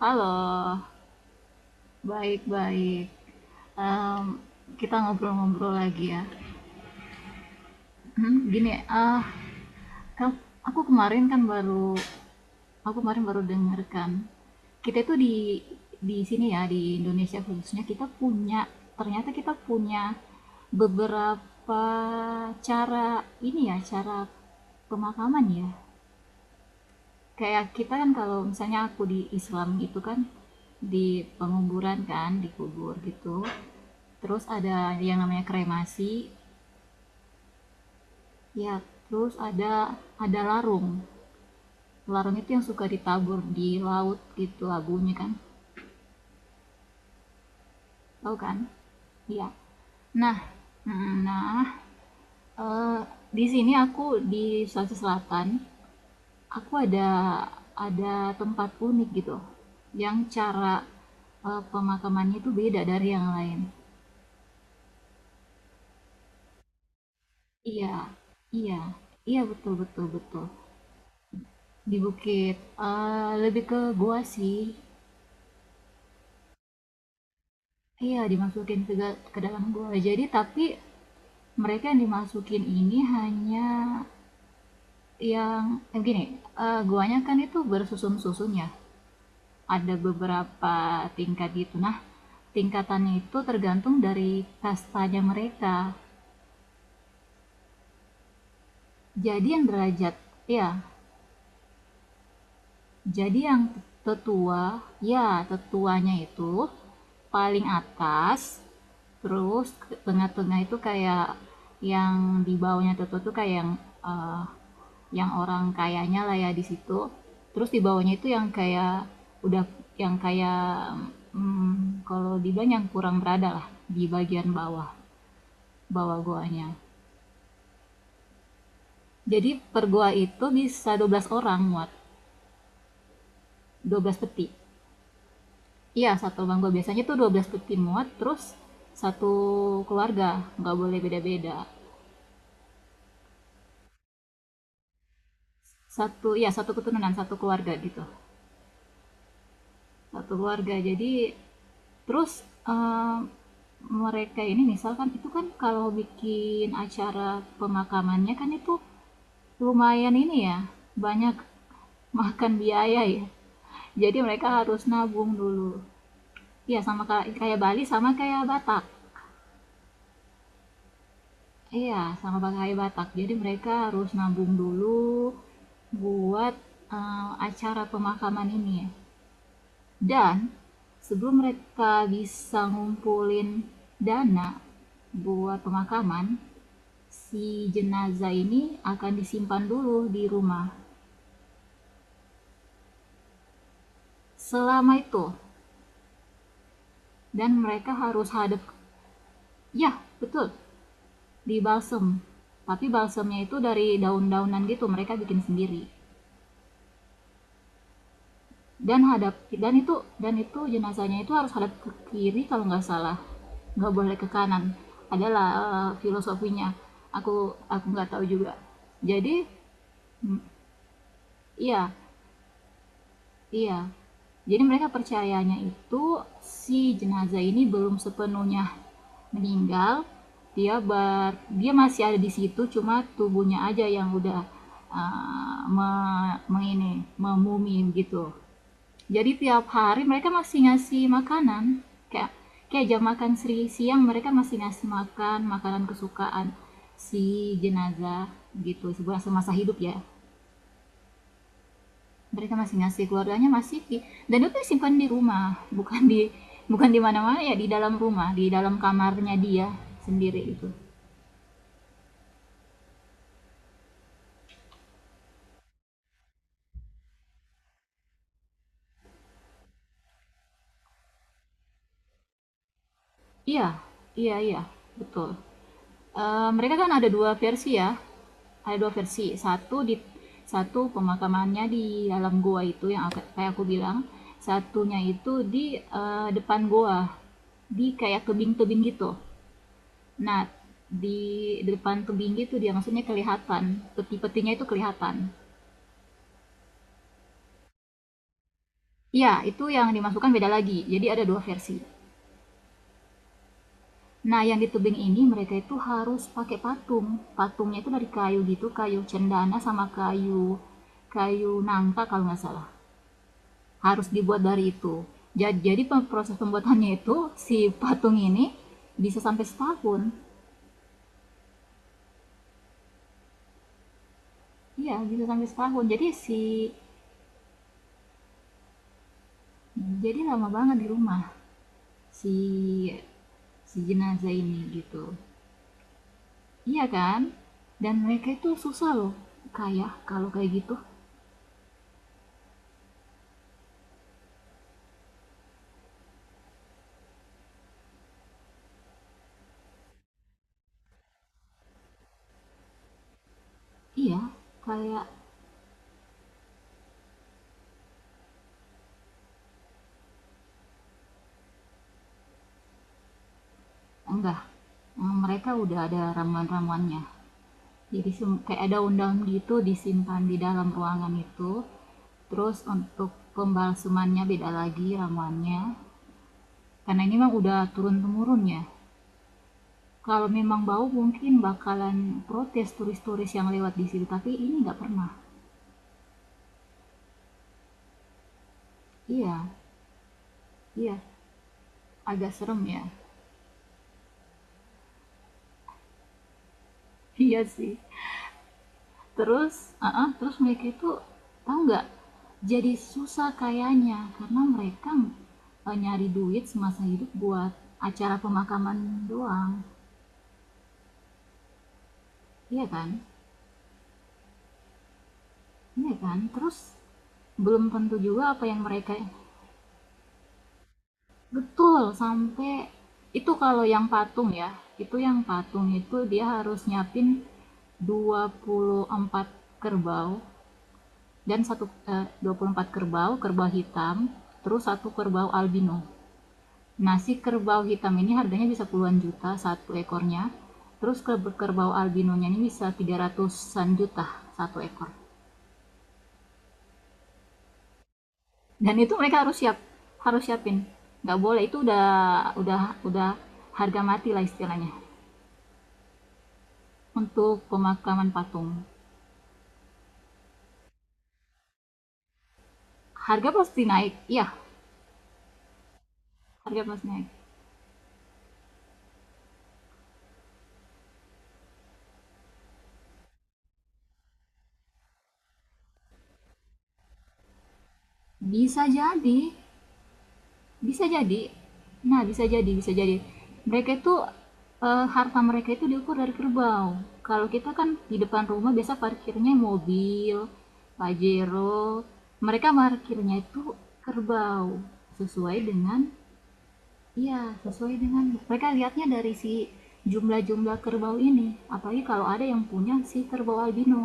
Halo, baik-baik. Em, kita ngobrol-ngobrol lagi ya. Gini, aku kemarin aku kemarin baru dengarkan. Kita itu di sini ya, di Indonesia khususnya kita punya, ternyata kita punya beberapa cara ini ya, cara pemakaman ya. Kayak kita kan kalau misalnya aku di Islam itu kan di penguburan kan dikubur gitu, terus ada yang namanya kremasi ya, terus ada larung. Larung itu yang suka ditabur di laut gitu abunya, kan, tahu kan. Iya, nah nah eh, di sini aku di Sulawesi Selatan aku ada tempat unik gitu, yang cara pemakamannya itu beda dari yang lain. Iya, iya, iya, betul betul betul. Di bukit, lebih ke gua sih. Iya, dimasukin ke, ke dalam gua. Jadi tapi mereka yang dimasukin ini hanya yang eh, gini, guanya kan itu bersusun-susun ya. Ada beberapa tingkat gitu. Nah, tingkatannya itu tergantung dari kastanya mereka. Jadi yang derajat, ya Jadi yang tetua, ya tetuanya itu paling atas, terus tengah-tengah itu kayak yang di bawahnya tetua, tuh kayak eh, yang orang kayanya lah ya di situ. Terus di bawahnya itu yang kayak udah yang kayak, kalau dibilang yang kurang berada lah, di bagian bawah bawah goanya. Jadi per goa itu bisa 12 orang muat, 12 peti. Iya, satu bangku. Biasanya tuh 12 peti muat, terus satu keluarga, nggak boleh beda-beda. Satu, ya satu keturunan, satu keluarga gitu. Satu keluarga. Jadi terus eh, mereka ini misalkan itu kan kalau bikin acara pemakamannya kan itu lumayan ini ya, banyak makan biaya ya. Jadi mereka harus nabung dulu. Ya sama kayak Bali, sama kayak Batak. Iya, sama pakai Batak. Jadi mereka harus nabung dulu buat acara pemakaman ini. Dan sebelum mereka bisa ngumpulin dana buat pemakaman, si jenazah ini akan disimpan dulu di rumah. Selama itu, dan mereka harus hadap, ya betul, di balsem. Tapi balsemnya itu dari daun-daunan gitu, mereka bikin sendiri. Dan hadap, dan itu, dan itu jenazahnya itu harus hadap ke kiri kalau nggak salah, nggak boleh ke kanan. Adalah filosofinya aku nggak tahu juga. Jadi mm, iya iya. Jadi mereka percayanya itu si jenazah ini belum sepenuhnya meninggal. dia bar Dia masih ada di situ, cuma tubuhnya aja yang udah eh, me, mengini memumi gitu. Jadi tiap hari mereka masih ngasih makanan. Kayak kayak jam makan seri siang mereka masih ngasih makan, makanan kesukaan si jenazah gitu, sebulan semasa hidup ya, mereka masih ngasih. Keluarganya masih di, dan itu disimpan di rumah, bukan di bukan di mana-mana, ya di dalam rumah, di dalam kamarnya dia sendiri itu. Iya iya iya betul. Eh, mereka kan ada dua versi ya. Ada dua versi. Satu di satu pemakamannya di dalam goa itu yang kayak aku bilang. Satunya itu di depan goa, di kayak tebing-tebing gitu. Nah, di depan tebing gitu dia maksudnya kelihatan, peti-petinya itu kelihatan. Iya, itu yang dimasukkan beda lagi. Jadi ada dua versi. Nah, yang di tebing ini mereka itu harus pakai patung. Patungnya itu dari kayu gitu, kayu cendana sama kayu kayu nangka kalau nggak salah. Harus dibuat dari itu. Jadi, proses pembuatannya itu si patung ini bisa sampai setahun. Iya, bisa sampai setahun. Jadi lama banget di rumah si si jenazah ini gitu. Iya kan? Dan mereka itu susah loh. Kayak kalau kayak gitu. Iya, kayak. Enggak, mereka udah ada ramuan-ramuannya. Jadi sem, kayak ada daun gitu disimpan di dalam ruangan itu, terus untuk pembalsemannya beda lagi ramuannya, karena ini mah udah turun-temurun ya. Kalau memang bau mungkin bakalan protes turis-turis yang lewat di situ, tapi ini nggak pernah. Iya, iya, agak serem ya. Iya sih. Terus mereka itu tahu nggak, jadi susah kayaknya karena mereka nyari duit semasa hidup buat acara pemakaman doang, iya kan, iya kan, terus belum tentu juga apa yang mereka. Betul, sampai itu kalau yang patung ya, itu yang patung itu dia harus nyiapin 24 kerbau, dan satu, 24 kerbau kerbau hitam, terus satu kerbau albino. Nasi kerbau hitam ini harganya bisa puluhan juta satu ekornya, terus kerbau albinonya ini bisa 300-an juta satu ekor. Dan itu mereka harus siapin, nggak boleh, itu udah harga mati lah istilahnya, untuk pemakaman patung. Harga pasti naik, iya, harga pasti naik. Bisa jadi, bisa jadi. Nah, bisa jadi, bisa jadi. Mereka itu, harta mereka itu diukur dari kerbau. Kalau kita kan di depan rumah biasa parkirnya mobil, Pajero. Mereka parkirnya itu kerbau, sesuai dengan, iya, sesuai dengan, mereka lihatnya dari si jumlah-jumlah kerbau ini. Apalagi kalau ada yang punya si kerbau albino.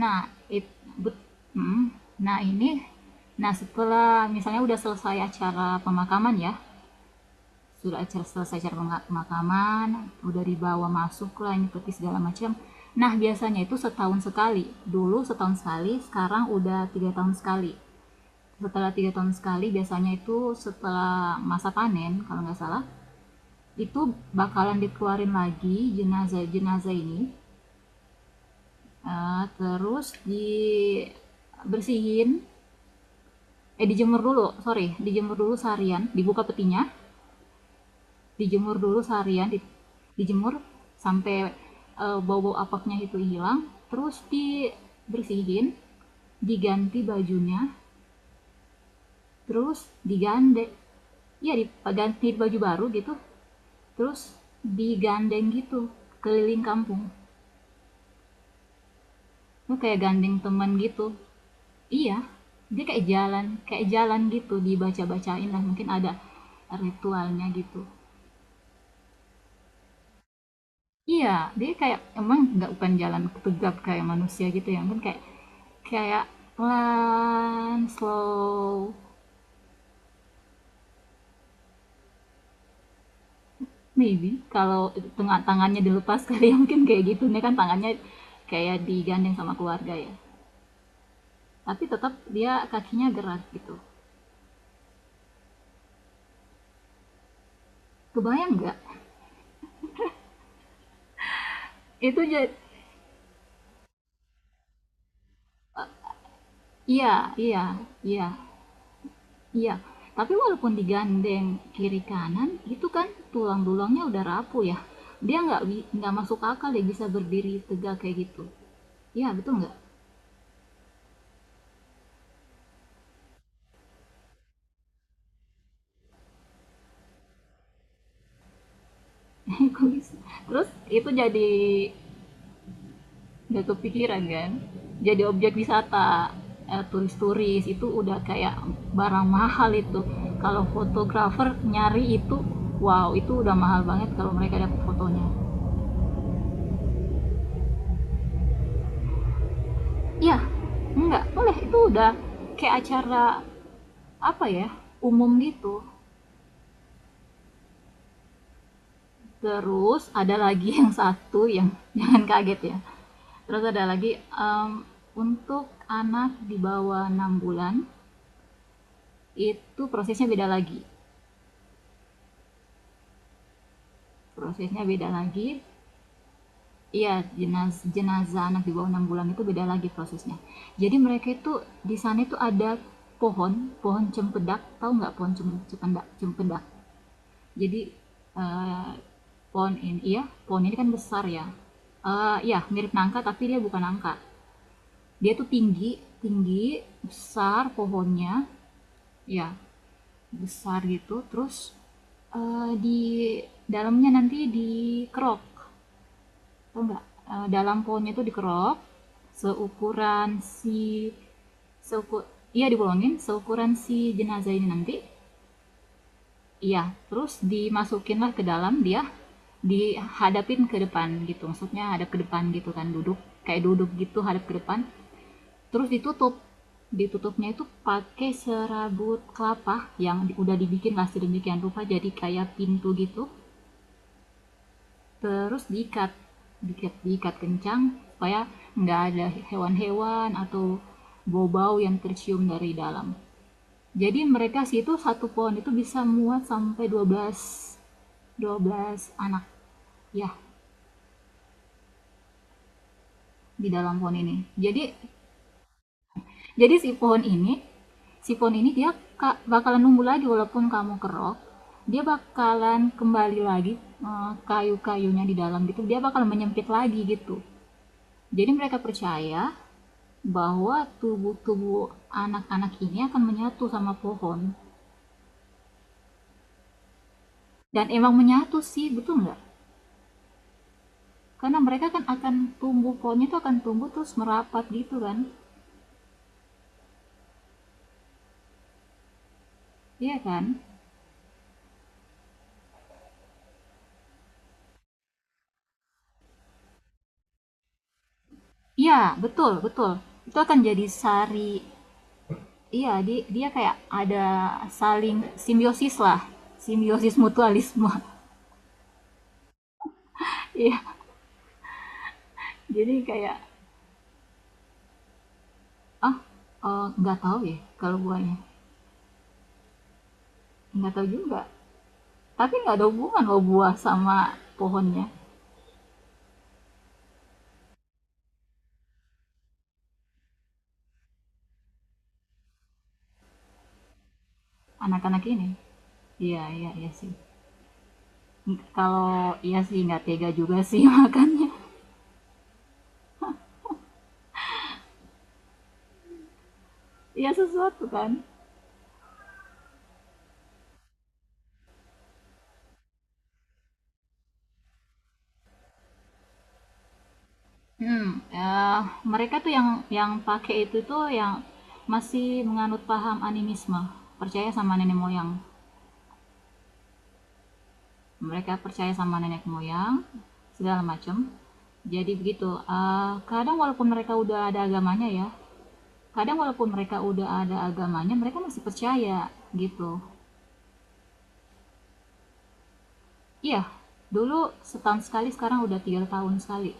Nah, it, bet- mm, nah ini Nah, setelah misalnya udah selesai acara pemakaman ya, sudah acara selesai acara pemakaman, udah dibawa masuk lah ini peti segala macam. Nah, biasanya itu setahun sekali, dulu setahun sekali, sekarang udah tiga tahun sekali. Setelah tiga tahun sekali, biasanya itu setelah masa panen kalau nggak salah, itu bakalan dikeluarin lagi jenazah jenazah ini. Eh, terus dibersihin, dijemur dulu, sorry, dijemur dulu seharian, dibuka petinya, dijemur dulu seharian dijemur sampai bau-bau apaknya itu hilang, terus dibersihin, diganti bajunya, terus digandeng, ya diganti baju baru gitu, terus digandeng gitu keliling kampung, lu kayak gandeng teman gitu. Iya, dia kayak jalan, kayak jalan gitu, dibaca-bacain lah mungkin ada ritualnya gitu. Iya, dia kayak emang nggak bukan jalan tegap kayak manusia gitu ya, mungkin kayak kayak pelan, slow, maybe kalau tengah tangannya dilepas kali ya, mungkin kayak gitu. Ini kan tangannya kayak digandeng sama keluarga ya. Tapi tetap dia kakinya gerak gitu. Kebayang nggak? Itu jadi, iya, iya, iya. Iya, tapi walaupun digandeng kiri kanan, itu kan tulang-tulangnya udah rapuh ya. Dia nggak masuk akal ya bisa berdiri tegak kayak gitu. Iya betul nggak? Kok bisa? Terus itu jadi, nggak kepikiran kan? Jadi objek wisata, turis-turis itu udah kayak barang mahal itu. Kalau fotografer nyari itu, wow itu udah mahal banget kalau mereka dapat fotonya. Iya, enggak boleh, itu udah kayak acara apa ya, umum gitu. Terus ada lagi yang satu yang jangan kaget ya, terus ada lagi untuk anak di bawah 6 bulan itu prosesnya beda lagi, prosesnya beda lagi. Iya, jenazah anak di bawah 6 bulan itu beda lagi prosesnya. Jadi mereka itu di sana itu ada pohon pohon cempedak, tahu nggak pohon cempedak, cempedak. Jadi, eee, pohon ini, iya, pohon ini kan besar ya, iya mirip nangka tapi dia bukan nangka. Dia tuh tinggi tinggi, besar pohonnya, ya besar gitu terus, di dalamnya nanti dikerok, tahu nggak? Dalam pohonnya itu dikerok, seukuran si seukur, iya dibolongin, seukuran si jenazah ini nanti. Iya, terus dimasukinlah ke dalam dia, dihadapin ke depan gitu, maksudnya hadap ke depan gitu kan, duduk, kayak duduk gitu hadap ke depan, terus ditutup. Ditutupnya itu pakai serabut kelapa yang udah dibikin lah sedemikian rupa jadi kayak pintu gitu, terus diikat, diikat kencang supaya nggak ada hewan-hewan atau bau-bau yang tercium dari dalam. Jadi mereka situ satu pohon itu bisa muat sampai 12 anak. Ya, di dalam pohon ini. Jadi si pohon ini, si pohon ini dia bakalan numbuh lagi walaupun kamu kerok, dia bakalan kembali lagi, kayu-kayunya di dalam gitu. Dia bakal menyempit lagi gitu. Jadi mereka percaya bahwa tubuh-tubuh anak-anak ini akan menyatu sama pohon. Dan emang menyatu sih, betul nggak? Karena mereka kan akan tumbuh, pohonnya itu akan tumbuh terus merapat gitu kan, iya kan, iya betul betul, itu akan jadi sari, iya, di- dia kayak ada saling simbiosis lah, simbiosis mutualisme. Iya, jadi kayak. Ah, nggak tahu ya kalau buahnya, nggak tahu juga, tapi nggak ada hubungan loh buah sama pohonnya, anak-anak ini. Iya, iya, iya sih. Kalau iya sih nggak tega juga sih makannya. Iya sesuatu kan. Hmm, eee, mereka tuh yang pakai itu tuh yang masih menganut paham animisme, percaya sama nenek moyang. Mereka percaya sama nenek moyang, segala macam. Jadi begitu, kadang walaupun mereka udah ada agamanya ya, kadang walaupun mereka udah ada agamanya, mereka masih percaya, gitu. Iya, dulu setahun sekali, sekarang udah 3 tahun sekali.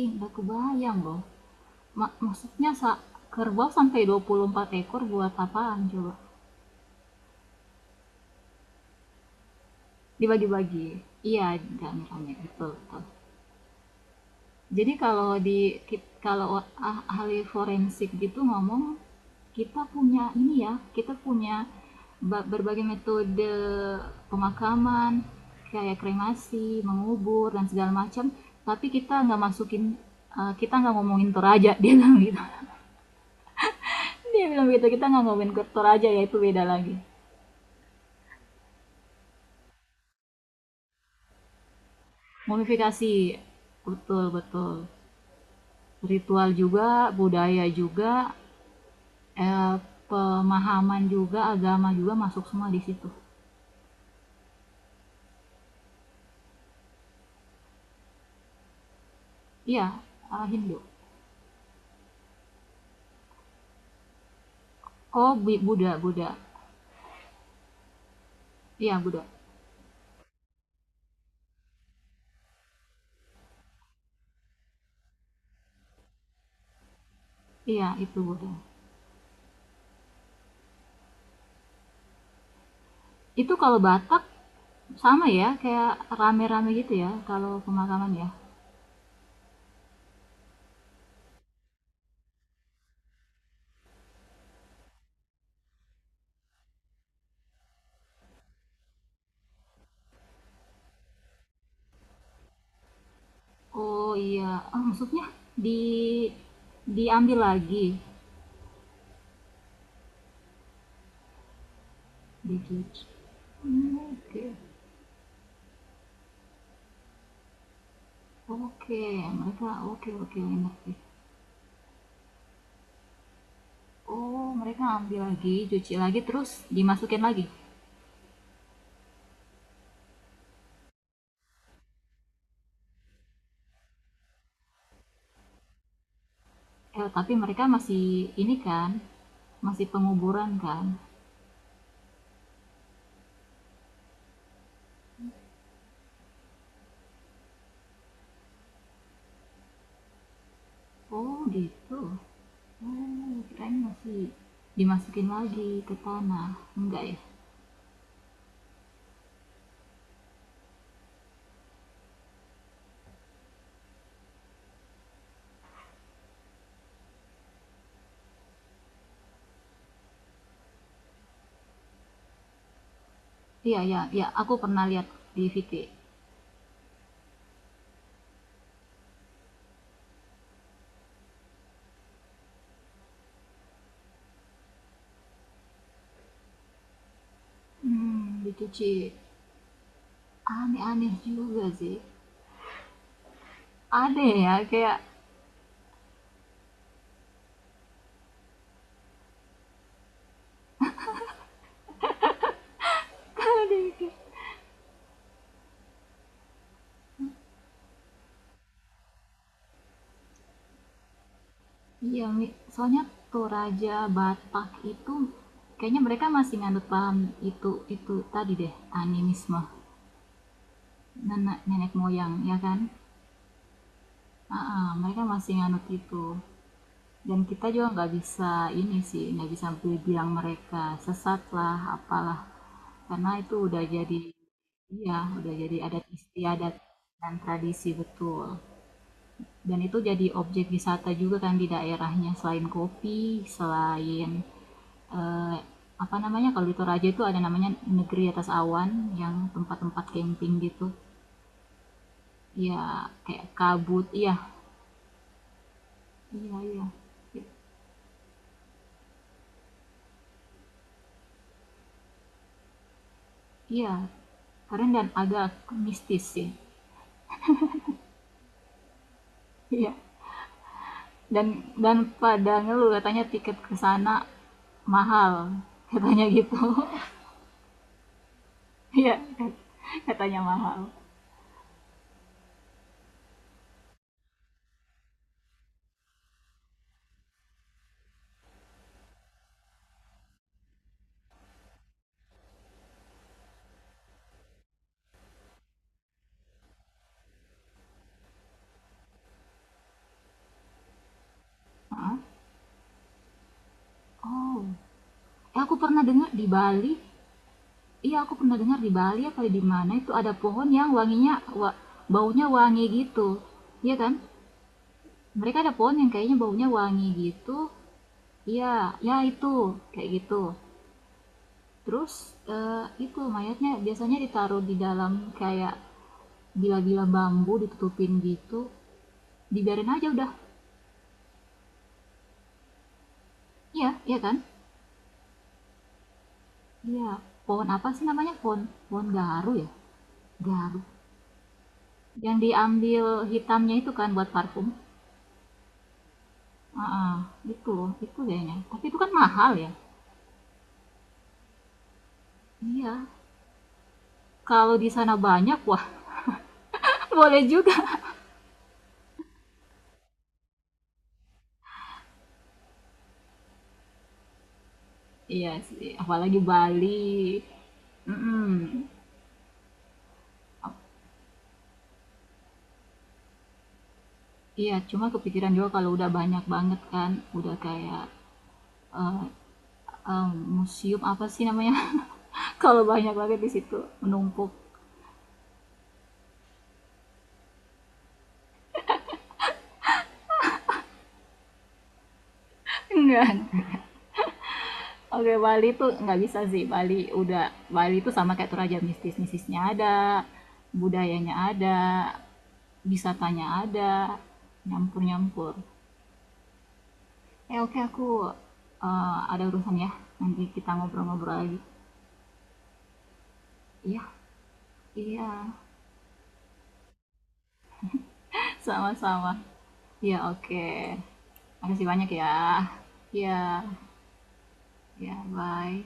Ih, nggak kebayang loh, maksudnya sa, kerbau sampai 24 ekor buat apaan coba? Dibagi-bagi. Iya, rame-rame, betul betul. Jadi kalau di kalau ahli forensik gitu ngomong, kita punya ini ya, kita punya berbagai metode pemakaman, kayak kremasi, mengubur dan segala macam, tapi kita nggak masukin, kita nggak ngomongin Toraja, dia bilang gitu. Dia bilang gitu, kita nggak ngomongin ke Toraja ya, itu beda lagi. Mumifikasi, betul betul. Ritual juga, budaya juga, eh, pemahaman juga, agama juga, masuk semua di situ. Iya, Hindu, oh Buddha, Buddha, iya Buddha, iya itu Buddha. Itu kalau Batak sama ya, kayak rame-rame gitu ya kalau pemakaman ya. Oh iya. Ah, maksudnya di diambil lagi. Begitu. Oke, oke, mereka oke oke enak sih. Oh, mereka ambil lagi, cuci lagi terus dimasukin lagi. Eh, tapi mereka masih ini kan, masih penguburan kan? Oh gitu. Oh, kirain masih dimasukin lagi ke tanah. Enggak ya? Iya, ya ya, aku pernah lihat di VT. Dicuci. Aneh-aneh juga sih. Ada ya, kayak... ada kayak- iya, Mi. Soalnya Toraja Batak itu kayaknya mereka masih nganut paham itu tadi deh, animisme, nenek nenek moyang ya kan. Heeh, mereka masih nganut itu. Dan kita juga nggak bisa ini sih, nggak bisa bilang mereka sesat lah, apalah. Karena itu udah jadi, iya, udah jadi adat istiadat dan tradisi, betul. Dan itu jadi objek wisata juga kan di daerahnya, selain kopi, selain eh, apa namanya, kalau di Toraja itu ada namanya negeri atas awan, yang tempat-tempat camping gitu ya, kayak kabut, iya iya iya. Iya, keren dan agak mistis sih. Iya. Dan dan pada ngeluh katanya tiket ke sana mahal, katanya gitu. Iya, katanya mahal. Oh, aku pernah dengar di Bali. Iya, aku pernah dengar di Bali apa di mana itu ada pohon yang wanginya wa- baunya wangi gitu. Iya kan? Mereka ada pohon yang kayaknya baunya wangi gitu. Iya, ya itu kayak gitu. Terus itu mayatnya biasanya ditaruh di dalam kayak gila-gila bambu ditutupin gitu. Dibiarin aja udah. Iya, iya kan? Iya. Pohon apa sih namanya? Pohon pohon garu ya? Garu. Yang diambil hitamnya itu kan buat parfum. Ah, ah, itu itu kayaknya. Tapi itu kan mahal ya? Iya. Kalau di sana banyak, wah, boleh juga. Iya sih, apalagi Bali. Mm-mm. Iya, cuma kepikiran juga kalau udah banyak banget kan, udah kayak, eee eee, museum apa sih namanya? Kalau banyak banget di situ, menumpuk. Enggak, oke Bali tuh nggak bisa sih, Bali udah, Bali tuh sama kayak Toraja, mistis-mistisnya ada, budayanya ada, wisatanya ada, nyampur-nyampur. Eh, oke aku, ada urusan ya, nanti kita ngobrol-ngobrol lagi. Iya iya, sama-sama. Iya, oke. Makasih banyak ya. Ya, ya bye.